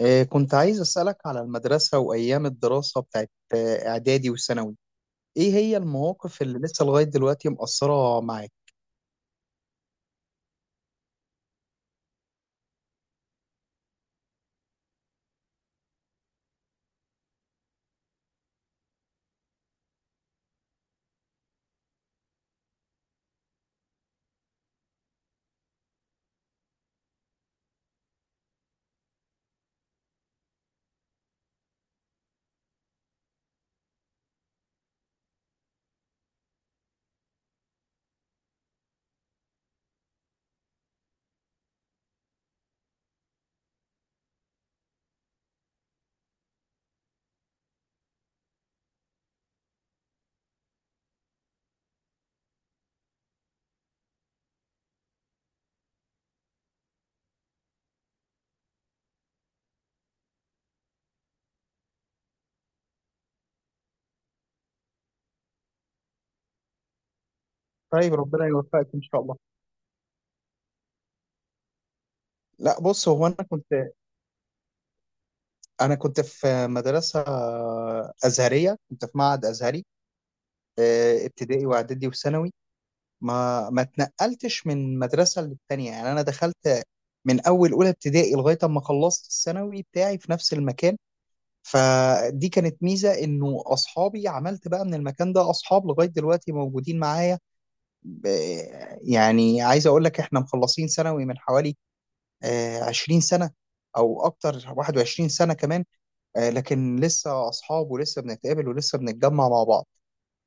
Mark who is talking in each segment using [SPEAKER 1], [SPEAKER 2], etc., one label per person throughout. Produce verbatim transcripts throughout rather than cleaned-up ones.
[SPEAKER 1] آه، كنت عايز أسألك على المدرسة وأيام الدراسة بتاعت آه، إعدادي وثانوي. إيه هي المواقف اللي لسه لغاية دلوقتي مأثرة معاك؟ طيب ربنا يوفقك إن شاء الله. لا بص، هو أنا كنت أنا كنت في مدرسة أزهرية، كنت في معهد أزهري، آه، ابتدائي وإعدادي وثانوي. ما ما اتنقلتش من مدرسة للتانية، يعني أنا دخلت من أول أولى ابتدائي لغاية أما خلصت الثانوي بتاعي في نفس المكان. فدي كانت ميزة، انه اصحابي عملت بقى من المكان ده اصحاب لغاية دلوقتي موجودين معايا. ب- يعني عايز اقول لك احنا مخلصين ثانوي من حوالي آه، عشرين سنة او اكتر، واحد وعشرين سنة كمان. آه، لكن لسه اصحاب ولسه بنتقابل ولسه بنتجمع مع بعض.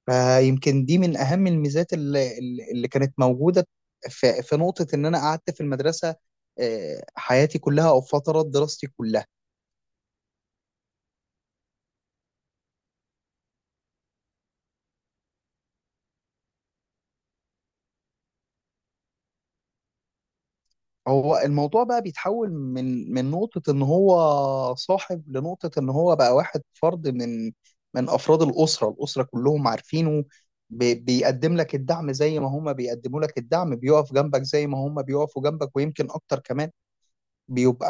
[SPEAKER 1] فيمكن دي من اهم الميزات اللي, اللي كانت موجودة في في نقطة ان انا قعدت في المدرسة آه، حياتي كلها او فترات دراستي كلها. هو الموضوع بقى بيتحول من من نقطة إن هو صاحب لنقطة إن هو بقى واحد فرد من من أفراد الأسرة، الأسرة كلهم عارفينه. بي- بيقدم لك الدعم زي ما هما بيقدموا لك الدعم، بيقف جنبك زي ما هما بيقفوا جنبك ويمكن أكتر كمان. بيبقى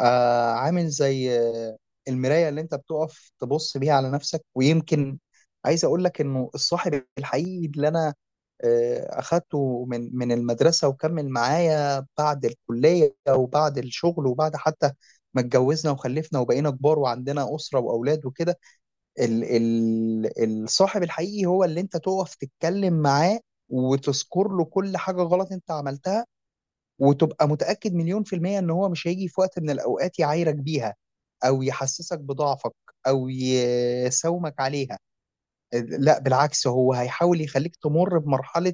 [SPEAKER 1] عامل زي آه، المراية اللي انت بتقف تبص بيها على نفسك، ويمكن عايز اقول لك انه الصاحب الحقيقي اللي انا آه، اخدته من من المدرسة وكمل معايا بعد الكلية وبعد الشغل وبعد حتى ما اتجوزنا وخلفنا وبقينا كبار وعندنا أسرة وأولاد وكده. ال ال الصاحب الحقيقي هو اللي انت تقف تتكلم معاه وتذكر له كل حاجة غلط انت عملتها، وتبقى متأكد مليون في المية ان هو مش هيجي في وقت من الاوقات يعايرك بيها، او يحسسك بضعفك، او يساومك عليها. لا بالعكس، هو هيحاول يخليك تمر بمرحلة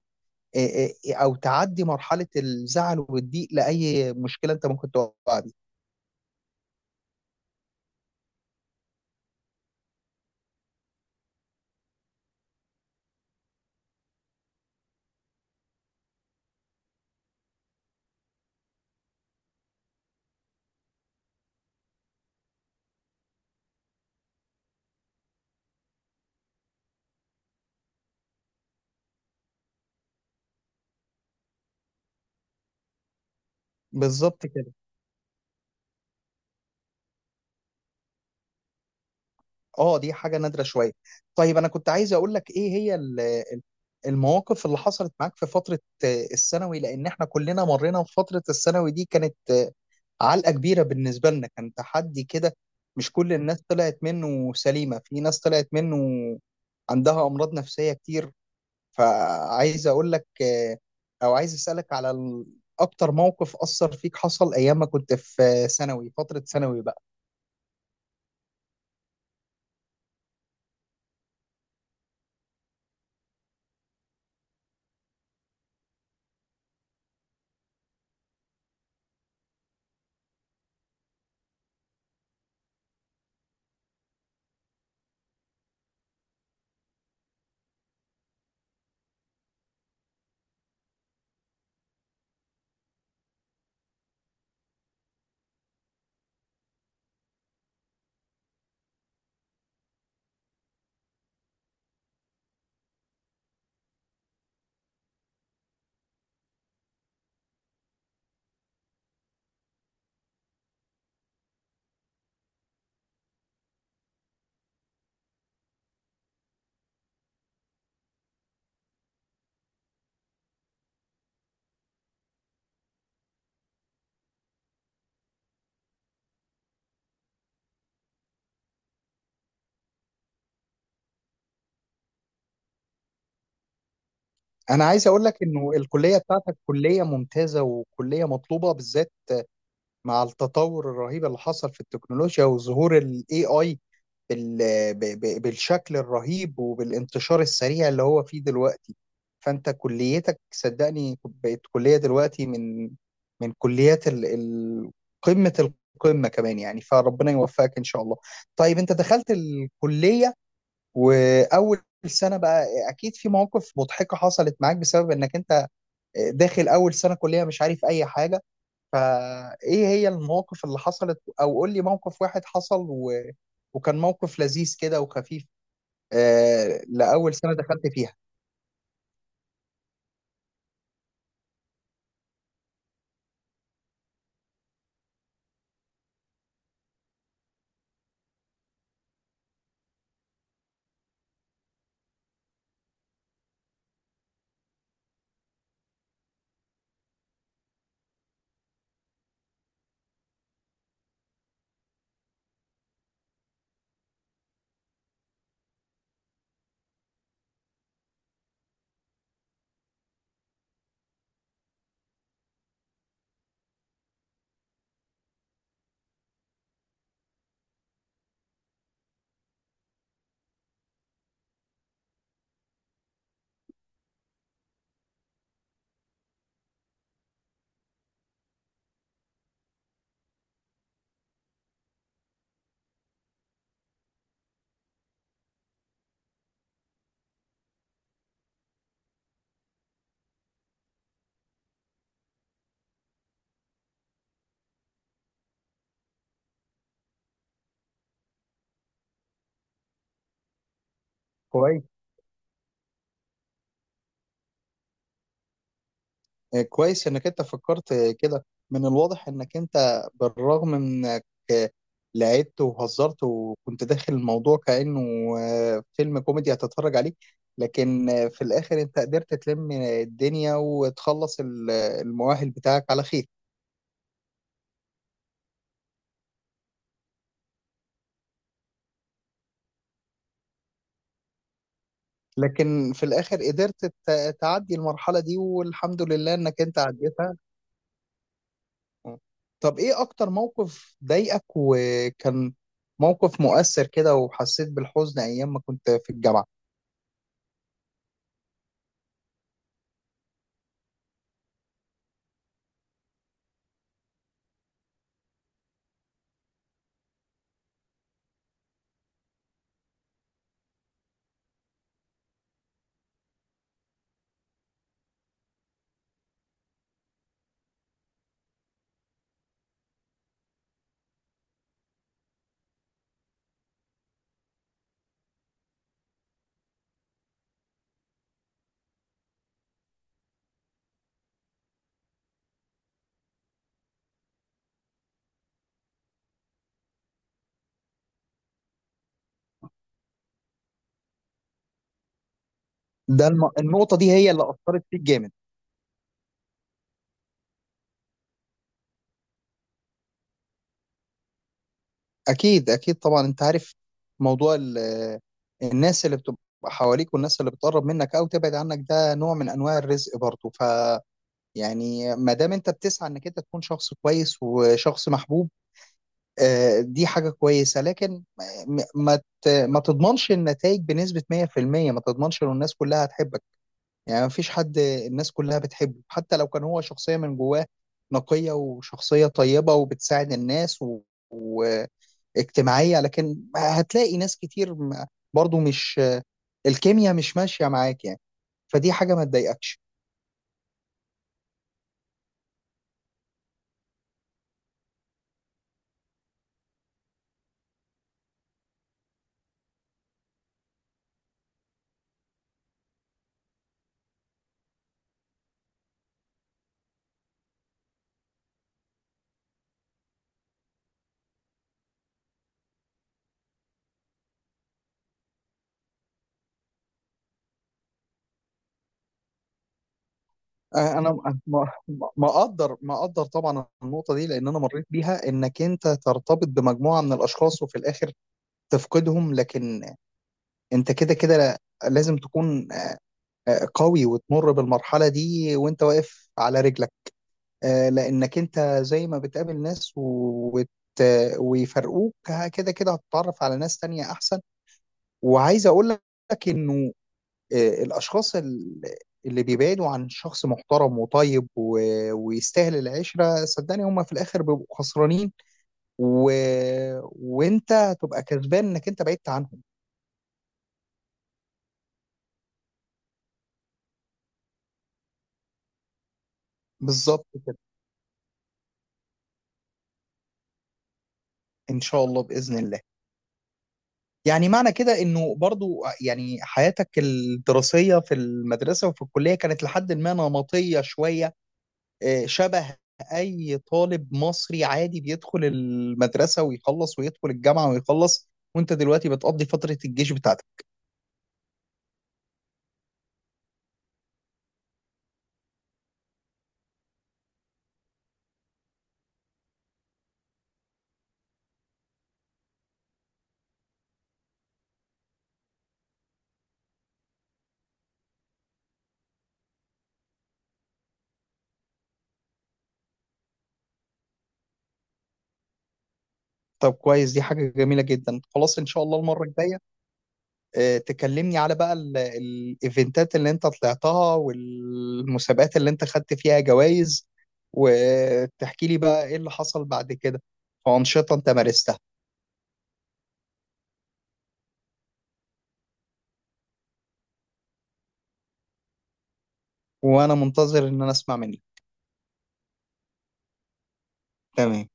[SPEAKER 1] او تعدي مرحلة الزعل والضيق لأي مشكلة انت ممكن تقع بيها. بالظبط كده. اه دي حاجه نادره شويه. طيب انا كنت عايز اقول لك ايه هي ال- ال- المواقف اللي حصلت معاك في فتره آه، الثانوي، لان احنا كلنا مرينا في فتره الثانوي دي، كانت آه، علقه كبيره بالنسبه لنا، كان تحدي كده. مش كل الناس طلعت منه سليمه، في ناس طلعت منه عندها امراض نفسيه كتير. فعايز اقول لك آه، او عايز اسالك على ال- اكتر موقف اثر فيك حصل ايام ما كنت في آه، ثانوي، فتره ثانوي بقى. انا عايز اقول لك انه الكليه بتاعتك كليه ممتازه وكليه مطلوبه، بالذات مع التطور الرهيب اللي حصل في التكنولوجيا وظهور الاي اي بالشكل الرهيب وبالانتشار السريع اللي هو فيه دلوقتي. فانت كليتك صدقني بقت كليه دلوقتي من من كليات ال ال- قمه القمه كمان، يعني فربنا يوفقك ان شاء الله. طيب انت دخلت الكليه واول سنه بقى اكيد في مواقف مضحكه حصلت معاك بسبب انك انت داخل اول سنه كليه مش عارف اي حاجه. فايه هي المواقف اللي حصلت او قول لي موقف واحد حصل و... وكان موقف لذيذ كده وخفيف آه لاول سنه دخلت فيها. كويس. آه كويس انك انت فكرت كده. من الواضح انك انت بالرغم من انك آه، لعبت وهزرت وكنت داخل الموضوع كانه آه فيلم كوميدي هتتفرج عليه. لكن آه، في الاخر انت قدرت تلم الدنيا وتخلص ال- المؤهل بتاعك على خير. لكن في الاخر قدرت ت- تعدي المرحله دي، والحمد لله انك انت عديتها. طب ايه اكتر موقف ضايقك وكان موقف مؤثر كده وحسيت بالحزن ايام ما كنت في الجامعه؟ ده الم... النقطه دي هي اللي اثرت فيك جامد؟ اكيد اكيد طبعا. انت عارف موضوع ال... الناس اللي بتبقى حواليك، والناس اللي بتقرب منك او تبعد عنك، ده نوع من انواع الرزق برضه. ف يعني ما دام انت بتسعى انك انت تكون شخص كويس وشخص محبوب، آه، دي حاجة كويسة. لكن م- ما ت- ما تضمنش النتائج بنسبة مية في المية، ما تضمنش ان الناس كلها هتحبك. يعني ما فيش حد الناس كلها بتحبه، حتى لو كان هو شخصية من جواه نقية وشخصية طيبة وبتساعد الناس و- واجتماعية. لكن هتلاقي ناس كتير م- برضو مش الكيمياء مش ماشية معاك يعني. فدي حاجة ما تضايقكش. آه، انا ما ما- ما اقدر ما اقدر طبعا النقطه دي، لان انا مريت بيها، انك انت ترتبط بمجموعه من الاشخاص وفي الاخر تفقدهم. لكن انت كده كده لازم تكون آه، قوي وتمر بالمرحله دي وانت واقف على رجلك. آه، لانك انت زي ما بتقابل ناس و- وت- ويفرقوك، ه- كده كده هتتعرف على ناس تانية احسن. وعايز اقول لك انه آه، الاشخاص ال- اللي بيبعدوا عن شخص محترم وطيب و- ويستاهل العشره، صدقني هم في الاخر بيبقوا خسرانين، و... وانت هتبقى كسبان انك انت بعدت عنهم. بالظبط كده. ان شاء الله باذن الله. يعني معنى كده انه برضو يعني حياتك الدراسيه في المدرسه وفي الكليه كانت لحد ما نمطيه شويه، آه، شبه اي طالب مصري عادي بيدخل المدرسه ويخلص ويدخل الجامعه ويخلص، وانت دلوقتي بتقضي فتره الجيش بتاعتك. طب كويس، دي حاجة جميلة جدا. خلاص إن شاء الله المرة الجاية آه، تكلمني على بقى ال- الإيفنتات اللي أنت طلعتها والمسابقات اللي أنت خدت فيها جوائز، وتحكي لي بقى إيه اللي حصل بعد كده وأنشطة أنت مارستها. وأنا منتظر إن أنا أسمع منك. تمام.